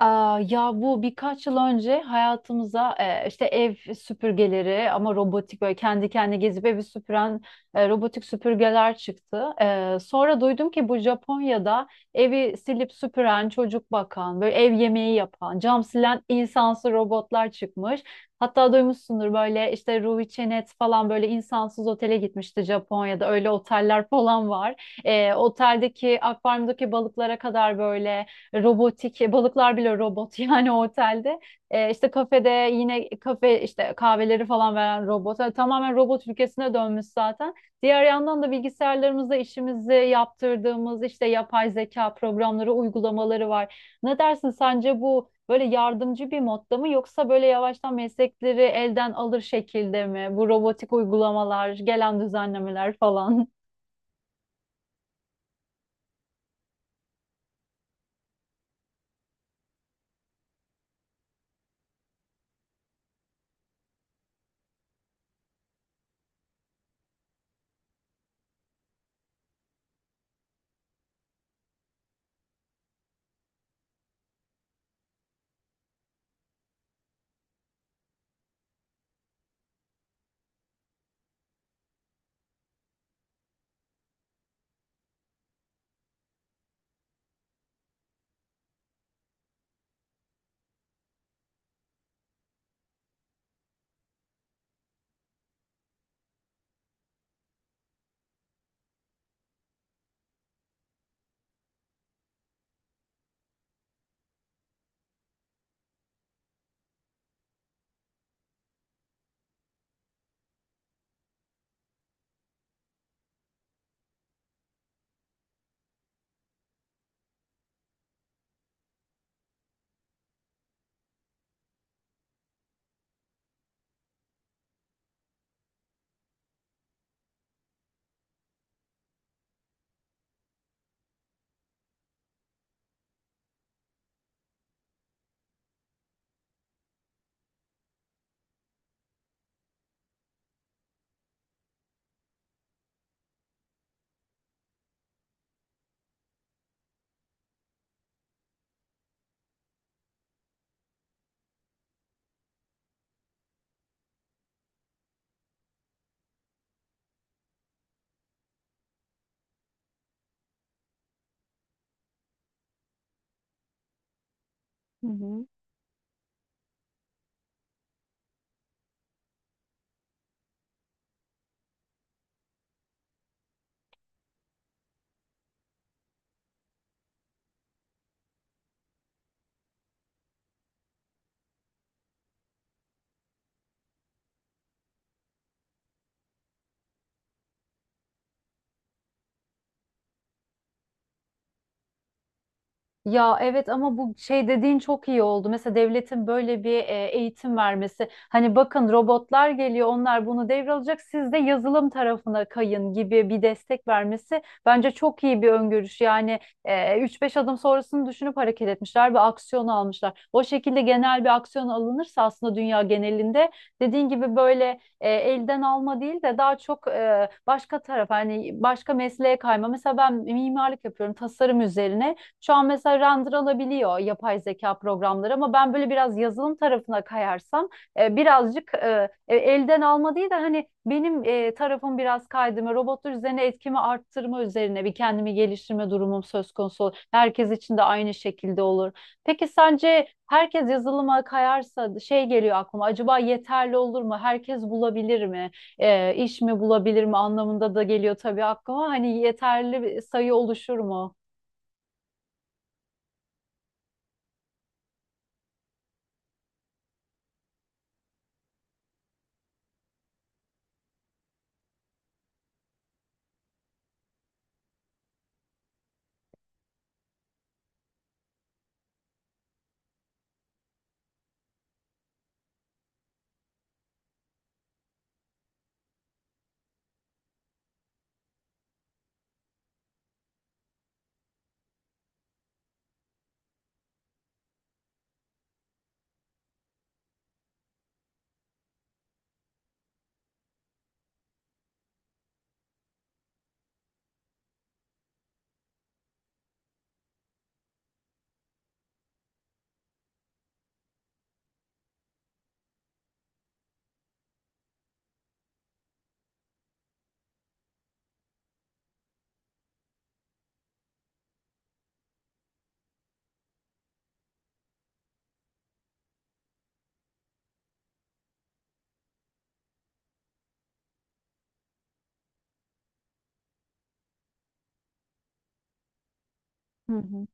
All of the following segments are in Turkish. Ya bu birkaç yıl önce hayatımıza işte ev süpürgeleri, ama robotik, böyle kendi kendine gezip evi süpüren robotik süpürgeler çıktı. Sonra duydum ki bu Japonya'da evi silip süpüren, çocuk bakan, böyle ev yemeği yapan, cam silen insansız robotlar çıkmış. Hatta duymuşsundur, böyle işte Ruhi Çenet falan böyle insansız otele gitmişti Japonya'da. Öyle oteller falan var. Oteldeki akvaryumdaki balıklara kadar böyle robotik balıklar bile robot yani o otelde. İşte kafede, yine kafe işte kahveleri falan veren robot. Yani tamamen robot ülkesine dönmüş zaten. Diğer yandan da bilgisayarlarımızda işimizi yaptırdığımız işte yapay zeka programları, uygulamaları var. Ne dersin, sence bu böyle yardımcı bir modda mı, yoksa böyle yavaştan meslekleri elden alır şekilde mi bu robotik uygulamalar, gelen düzenlemeler falan? Hı hı. Ya evet, ama bu şey dediğin çok iyi oldu. Mesela devletin böyle bir eğitim vermesi. Hani bakın, robotlar geliyor, onlar bunu devralacak. Siz de yazılım tarafına kayın gibi bir destek vermesi bence çok iyi bir öngörüş. Yani 3-5 adım sonrasını düşünüp hareket etmişler ve aksiyon almışlar. O şekilde genel bir aksiyon alınırsa aslında dünya genelinde dediğin gibi böyle elden alma değil de daha çok başka taraf, hani başka mesleğe kayma. Mesela ben mimarlık yapıyorum, tasarım üzerine. Şu an mesela render alabiliyor yapay zeka programları, ama ben böyle biraz yazılım tarafına kayarsam elden alma değil de hani benim tarafım biraz kaydırma, robotlar üzerine etkimi arttırma üzerine bir kendimi geliştirme durumum söz konusu olur. Herkes için de aynı şekilde olur. Peki sence herkes yazılıma kayarsa, şey geliyor aklıma, acaba yeterli olur mu? Herkes bulabilir mi? İş mi bulabilir mi anlamında da geliyor tabii aklıma. Hani yeterli bir sayı oluşur mu? Hı hı.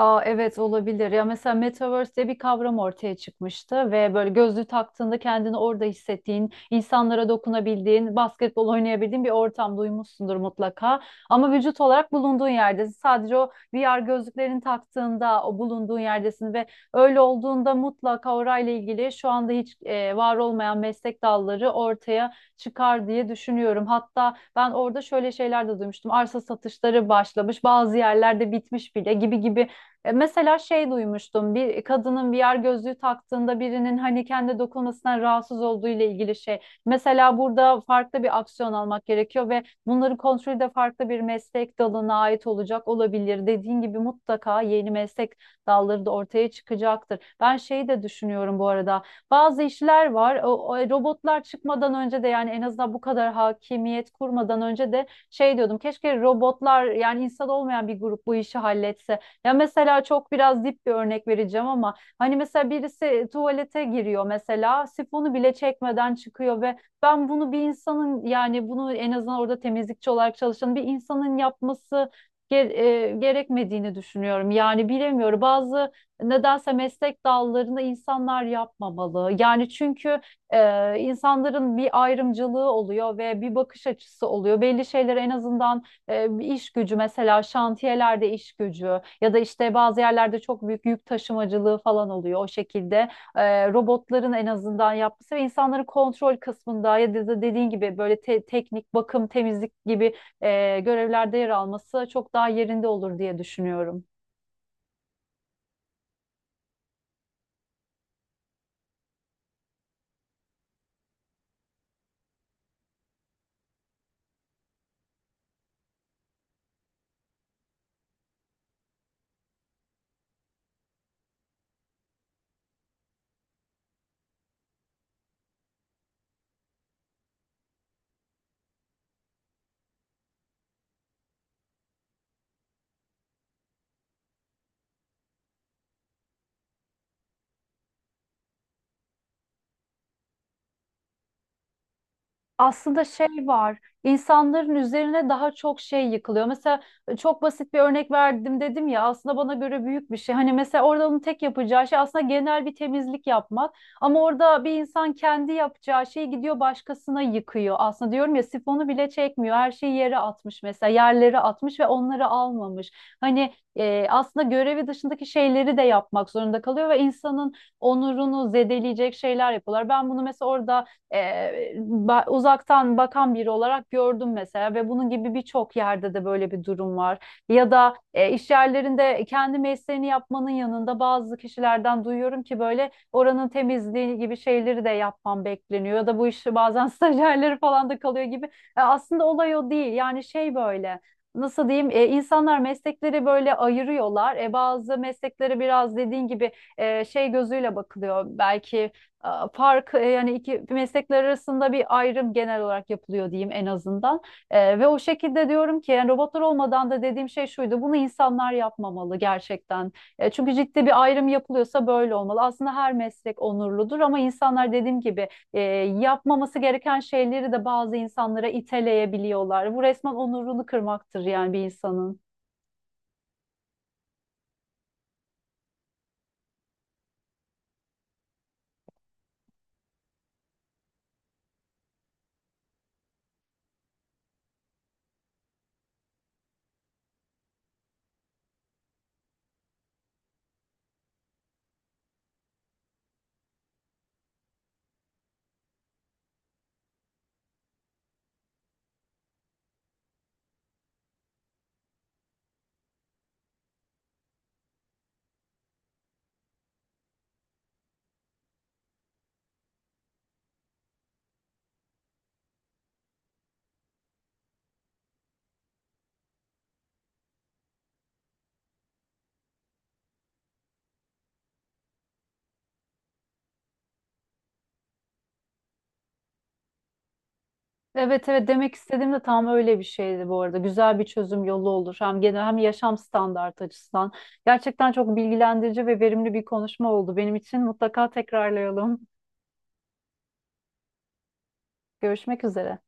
Evet, olabilir. Ya mesela Metaverse diye bir kavram ortaya çıkmıştı ve böyle gözlüğü taktığında kendini orada hissettiğin, insanlara dokunabildiğin, basketbol oynayabildiğin bir ortam, duymuşsundur mutlaka. Ama vücut olarak bulunduğun yerdesin. Sadece o VR gözlüklerini taktığında o bulunduğun yerdesin ve öyle olduğunda mutlaka orayla ilgili şu anda hiç var olmayan meslek dalları ortaya çıkar diye düşünüyorum. Hatta ben orada şöyle şeyler de duymuştum. Arsa satışları başlamış, bazı yerlerde bitmiş bile gibi gibi. Mesela şey duymuştum, bir kadının VR gözlüğü taktığında birinin hani kendi dokunmasından rahatsız olduğu ile ilgili şey. Mesela burada farklı bir aksiyon almak gerekiyor ve bunların kontrolü de farklı bir meslek dalına ait olacak olabilir. Dediğin gibi mutlaka yeni meslek dalları da ortaya çıkacaktır. Ben şeyi de düşünüyorum bu arada. Bazı işler var. Robotlar çıkmadan önce de, yani en azından bu kadar hakimiyet kurmadan önce de şey diyordum. Keşke robotlar, yani insan olmayan bir grup bu işi halletse. Ya mesela çok biraz dip bir örnek vereceğim ama, hani mesela birisi tuvalete giriyor, mesela sifonu bile çekmeden çıkıyor ve ben bunu bir insanın, yani bunu en azından orada temizlikçi olarak çalışan bir insanın yapması ge- gerekmediğini düşünüyorum. Yani bilemiyorum, bazı nedense meslek dallarını insanlar yapmamalı. Yani çünkü insanların bir ayrımcılığı oluyor ve bir bakış açısı oluyor. Belli şeyleri en azından iş gücü, mesela şantiyelerde iş gücü ya da işte bazı yerlerde çok büyük yük taşımacılığı falan oluyor o şekilde. Robotların en azından yapması ve insanları kontrol kısmında ya da dediğin gibi böyle teknik, bakım, temizlik gibi görevlerde yer alması çok daha yerinde olur diye düşünüyorum. Aslında şey var, insanların üzerine daha çok şey yıkılıyor. Mesela çok basit bir örnek verdim dedim ya, aslında bana göre büyük bir şey. Hani mesela orada onun tek yapacağı şey aslında genel bir temizlik yapmak. Ama orada bir insan kendi yapacağı şeyi gidiyor başkasına yıkıyor. Aslında diyorum ya, sifonu bile çekmiyor, her şeyi yere atmış mesela, yerlere atmış ve onları almamış. Hani aslında görevi dışındaki şeyleri de yapmak zorunda kalıyor ve insanın onurunu zedeleyecek şeyler yapıyorlar. Ben bunu mesela orada uzaktan bakan biri olarak gördüm mesela, ve bunun gibi birçok yerde de böyle bir durum var. Ya da iş yerlerinde kendi mesleğini yapmanın yanında, bazı kişilerden duyuyorum ki böyle oranın temizliği gibi şeyleri de yapmam bekleniyor, ya da bu işi bazen stajyerleri falan da kalıyor gibi. Aslında olay o değil. Yani şey, böyle nasıl diyeyim? İnsanlar meslekleri böyle ayırıyorlar. Bazı mesleklere biraz dediğin gibi şey gözüyle bakılıyor. Belki yani iki meslekler arasında bir ayrım genel olarak yapılıyor diyeyim en azından. Ve o şekilde diyorum ki, yani robotlar olmadan da dediğim şey şuydu: bunu insanlar yapmamalı gerçekten. Çünkü ciddi bir ayrım yapılıyorsa böyle olmalı. Aslında her meslek onurludur, ama insanlar dediğim gibi yapmaması gereken şeyleri de bazı insanlara iteleyebiliyorlar. Bu resmen onurunu kırmaktır yani bir insanın. Evet, evet, demek istediğim de tam öyle bir şeydi bu arada. Güzel bir çözüm yolu olur. Hem genel hem yaşam standartı açısından. Gerçekten çok bilgilendirici ve verimli bir konuşma oldu benim için. Mutlaka tekrarlayalım. Görüşmek üzere.